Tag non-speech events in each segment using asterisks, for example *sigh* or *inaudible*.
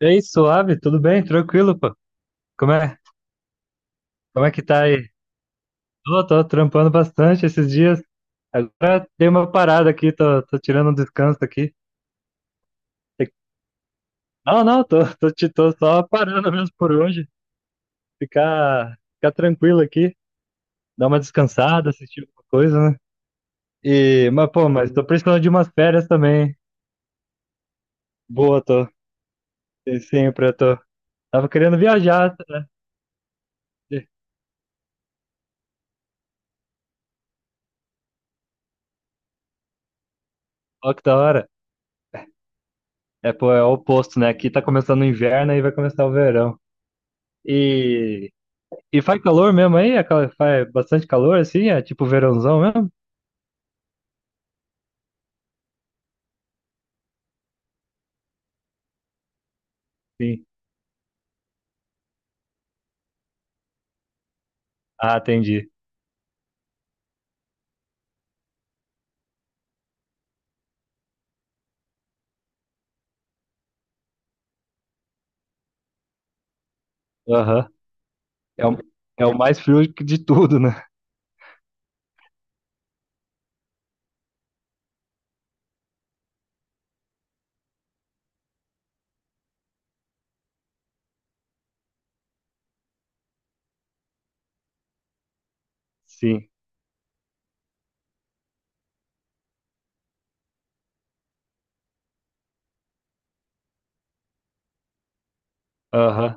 Ei, suave, tudo bem? Tranquilo, pô. Como é? Como é que tá aí? Tô trampando bastante esses dias. Agora dei uma parada aqui, tô tirando um descanso aqui. Tem- Não, não, tô só parando mesmo por hoje. Ficar tranquilo aqui, dar uma descansada, assistir alguma coisa, né? Pô, mas tô precisando de umas férias também, hein? Boa, tô. E sempre eu tô. Tava querendo viajar, né? Ó que da hora. É, pô, é o oposto, né? Aqui tá começando o inverno e vai começar o verão. E E faz calor mesmo aí? Faz bastante calor assim? É tipo verãozão mesmo? Sim. Ah, entendi. Aham. É o, é o mais frio de tudo, né? Sim. Aham.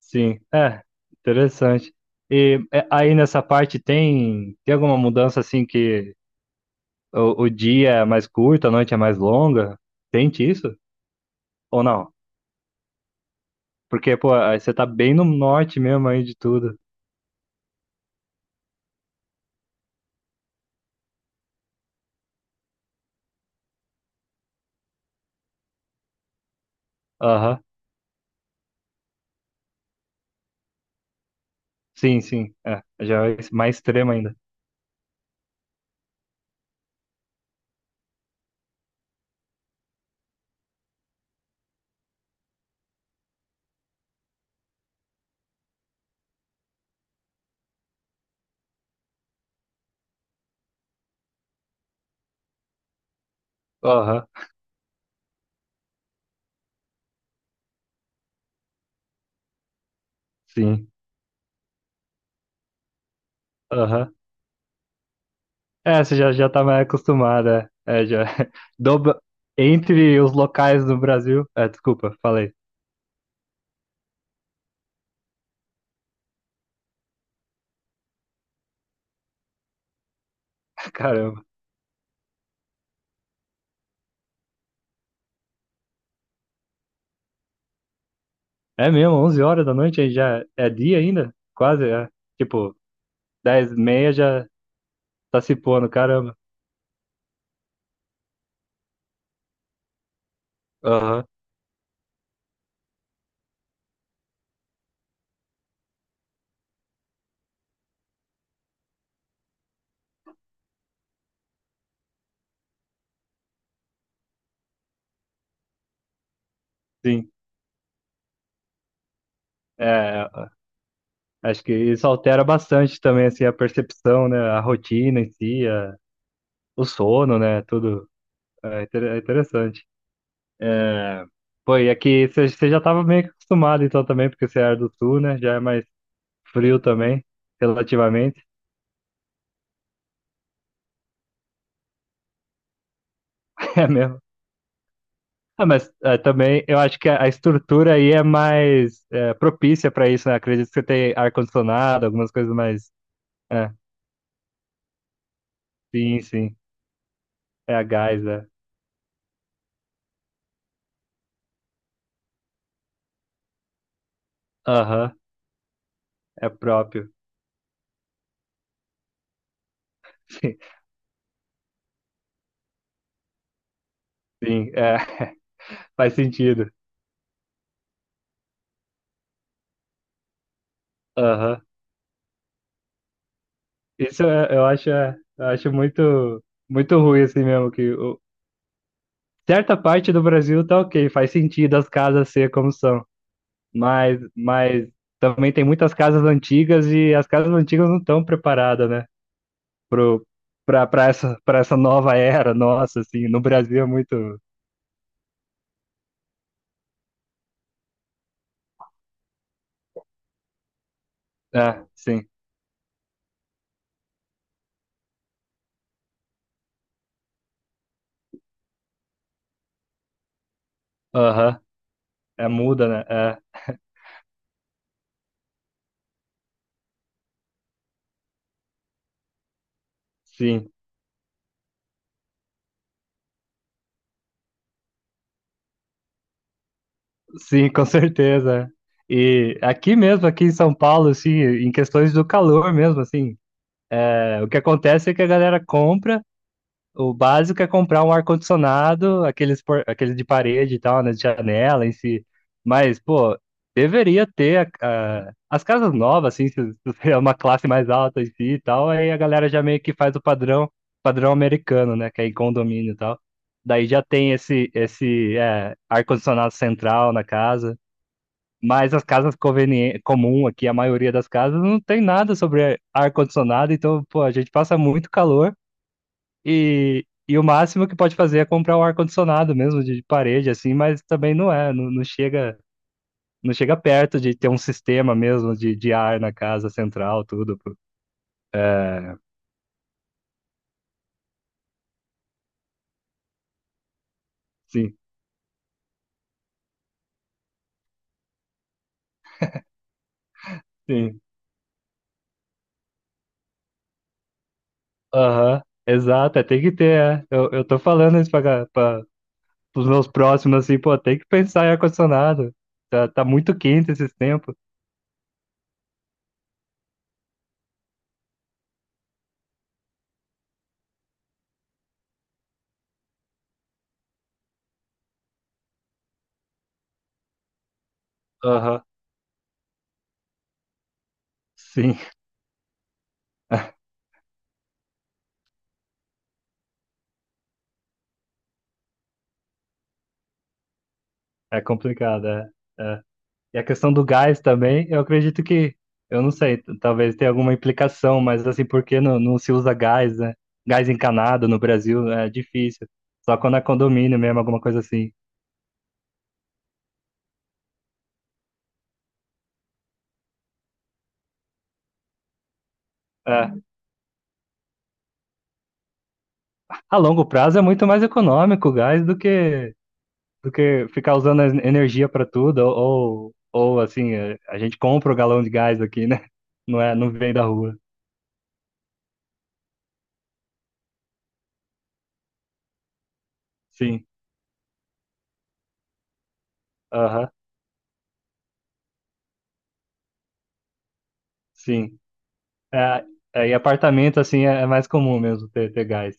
Sim. É, interessante. Aí nessa parte tem alguma mudança assim que o dia é mais curto, a noite é mais longa? Sente isso? Ou não? Porque, pô, aí você tá bem no norte mesmo aí de tudo. Aham. Sim, sim. É, já é mais extremo ainda. Aham. Sim. Aham. É, você já tá mais acostumada. É, É, já. *laughs* Dobra. Entre os locais do Brasil. É, desculpa, falei. *laughs* Caramba. É mesmo, 11 horas da noite aí já é dia ainda? Quase, é. Tipo, 10:30 já tá se pondo, caramba. Aham, sim. É, acho que isso altera bastante também, assim, a percepção, né? A rotina em si, o sono, né? Tudo. É, é interessante. É. Pô, e aqui você já tava meio que acostumado então também, porque você era do sul, né? Já é mais frio também, relativamente. *laughs* É mesmo. Ah, mas é, também eu acho que a estrutura aí é mais propícia para isso, né? Acredito que você tem ar-condicionado, algumas coisas mais. É, sim, sim. É a gás, é. Aham, é próprio. *laughs* Sim, sim, é, *laughs* faz sentido. Aham. Isso eu acho, eu acho muito, muito ruim assim mesmo, Certa parte do Brasil tá ok, faz sentido as casas ser como são. Mas também tem muitas casas antigas e as casas antigas não estão preparadas, né? Pro, pra, pra essa nova era, nossa, assim, no Brasil é muito. É, sim. Aham. É muda, né? É, sim. Sim, com certeza. E aqui mesmo, aqui em São Paulo, assim, em questões do calor mesmo, assim, o que acontece é que a galera compra. O básico é comprar um ar-condicionado, aqueles de parede e tal, né, de janela em si. Mas, pô, deveria ter as casas novas, assim, se você é uma classe mais alta em si e tal, aí a galera já meio que faz o padrão americano, né, que é em condomínio e tal. Daí já tem esse ar-condicionado central na casa. Mas as casas conveniente comum aqui, a maioria das casas, não tem nada sobre ar-condicionado, então, pô, a gente passa muito calor. E o máximo que pode fazer é comprar um ar-condicionado mesmo de parede, assim, mas também não, não chega perto de ter um sistema mesmo de ar na casa central, tudo. Pô. Sim, sim. Aham, exato, é, tem que ter, é. Eu tô falando isso para os meus próximos, assim, pô, tem que pensar em ar-condicionado. Tá muito quente esses tempos. Aham, sim, *laughs* é complicado, é. E a questão do gás também, eu acredito que, eu não sei, talvez tenha alguma implicação, mas assim, por que não se usa gás, né? Gás encanado no Brasil é difícil. Só quando é condomínio mesmo, alguma coisa assim. É. A longo prazo é muito mais econômico o gás do que, ficar usando energia para tudo, ou, assim, a gente compra o galão de gás aqui, né? Não é, não vem da rua. Sim, aham, sim. É, e apartamento, assim, é mais comum mesmo ter gás.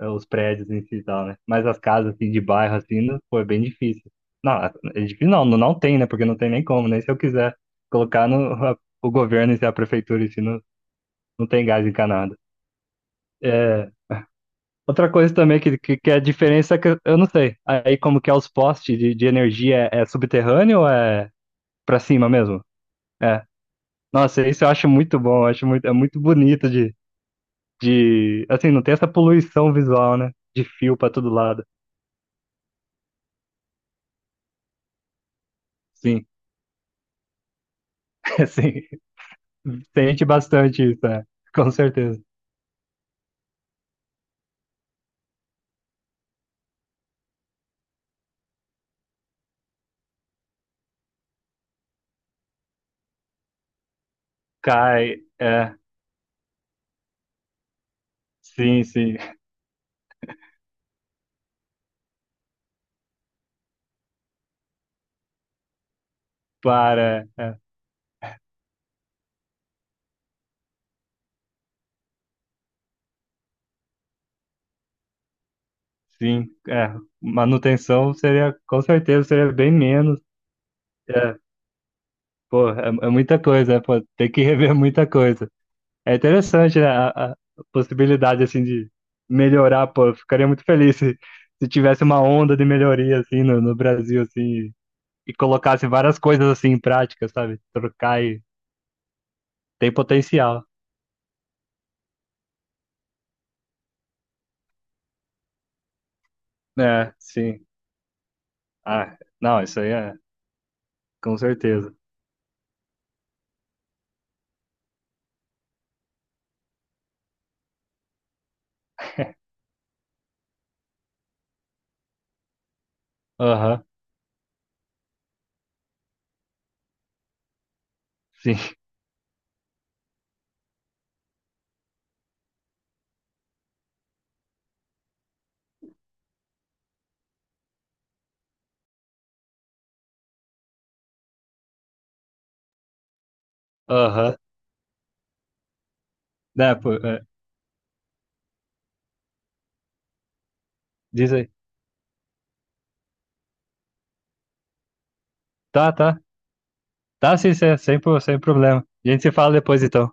Os prédios em si e tal, né? Mas as casas assim de bairro assim, pô, é bem difícil. Não, é difícil não, não, não tem, né? Porque não tem nem como, nem se eu quiser colocar no a- o governo e a prefeitura em si, não, não tem gás encanado. É, outra coisa também que é a diferença é que eu não sei. Aí como que é os postes de energia é subterrâneo ou é pra cima mesmo? É. Nossa, isso eu acho muito bom, eu acho muito, é muito bonito assim, não tem essa poluição visual, né? De fio pra todo lado. Sim, *laughs* sim. Sente bastante isso, é. Com certeza. Cai, é. Sim, sim. Para, é. Sim, é. Manutenção seria, com certeza, seria bem menos. É, pô, é muita coisa, é, pô, tem que *laughs* rever muita coisa. É interessante, né, a possibilidade, assim, de melhorar, pô, eu ficaria muito feliz se tivesse uma onda de melhoria, assim, no Brasil, assim, e colocasse várias coisas, assim, em prática, sabe? Trocar e tem potencial. É, sim. Ah, não, isso aí é, com certeza. Aham, sim. Aham. Né, pô, diz aí. Tá, tá. Tá, sim, sem problema. A gente se fala depois, então.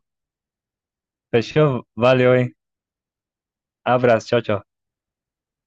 Fechou? Valeu, hein? Abraço, tchau, tchau.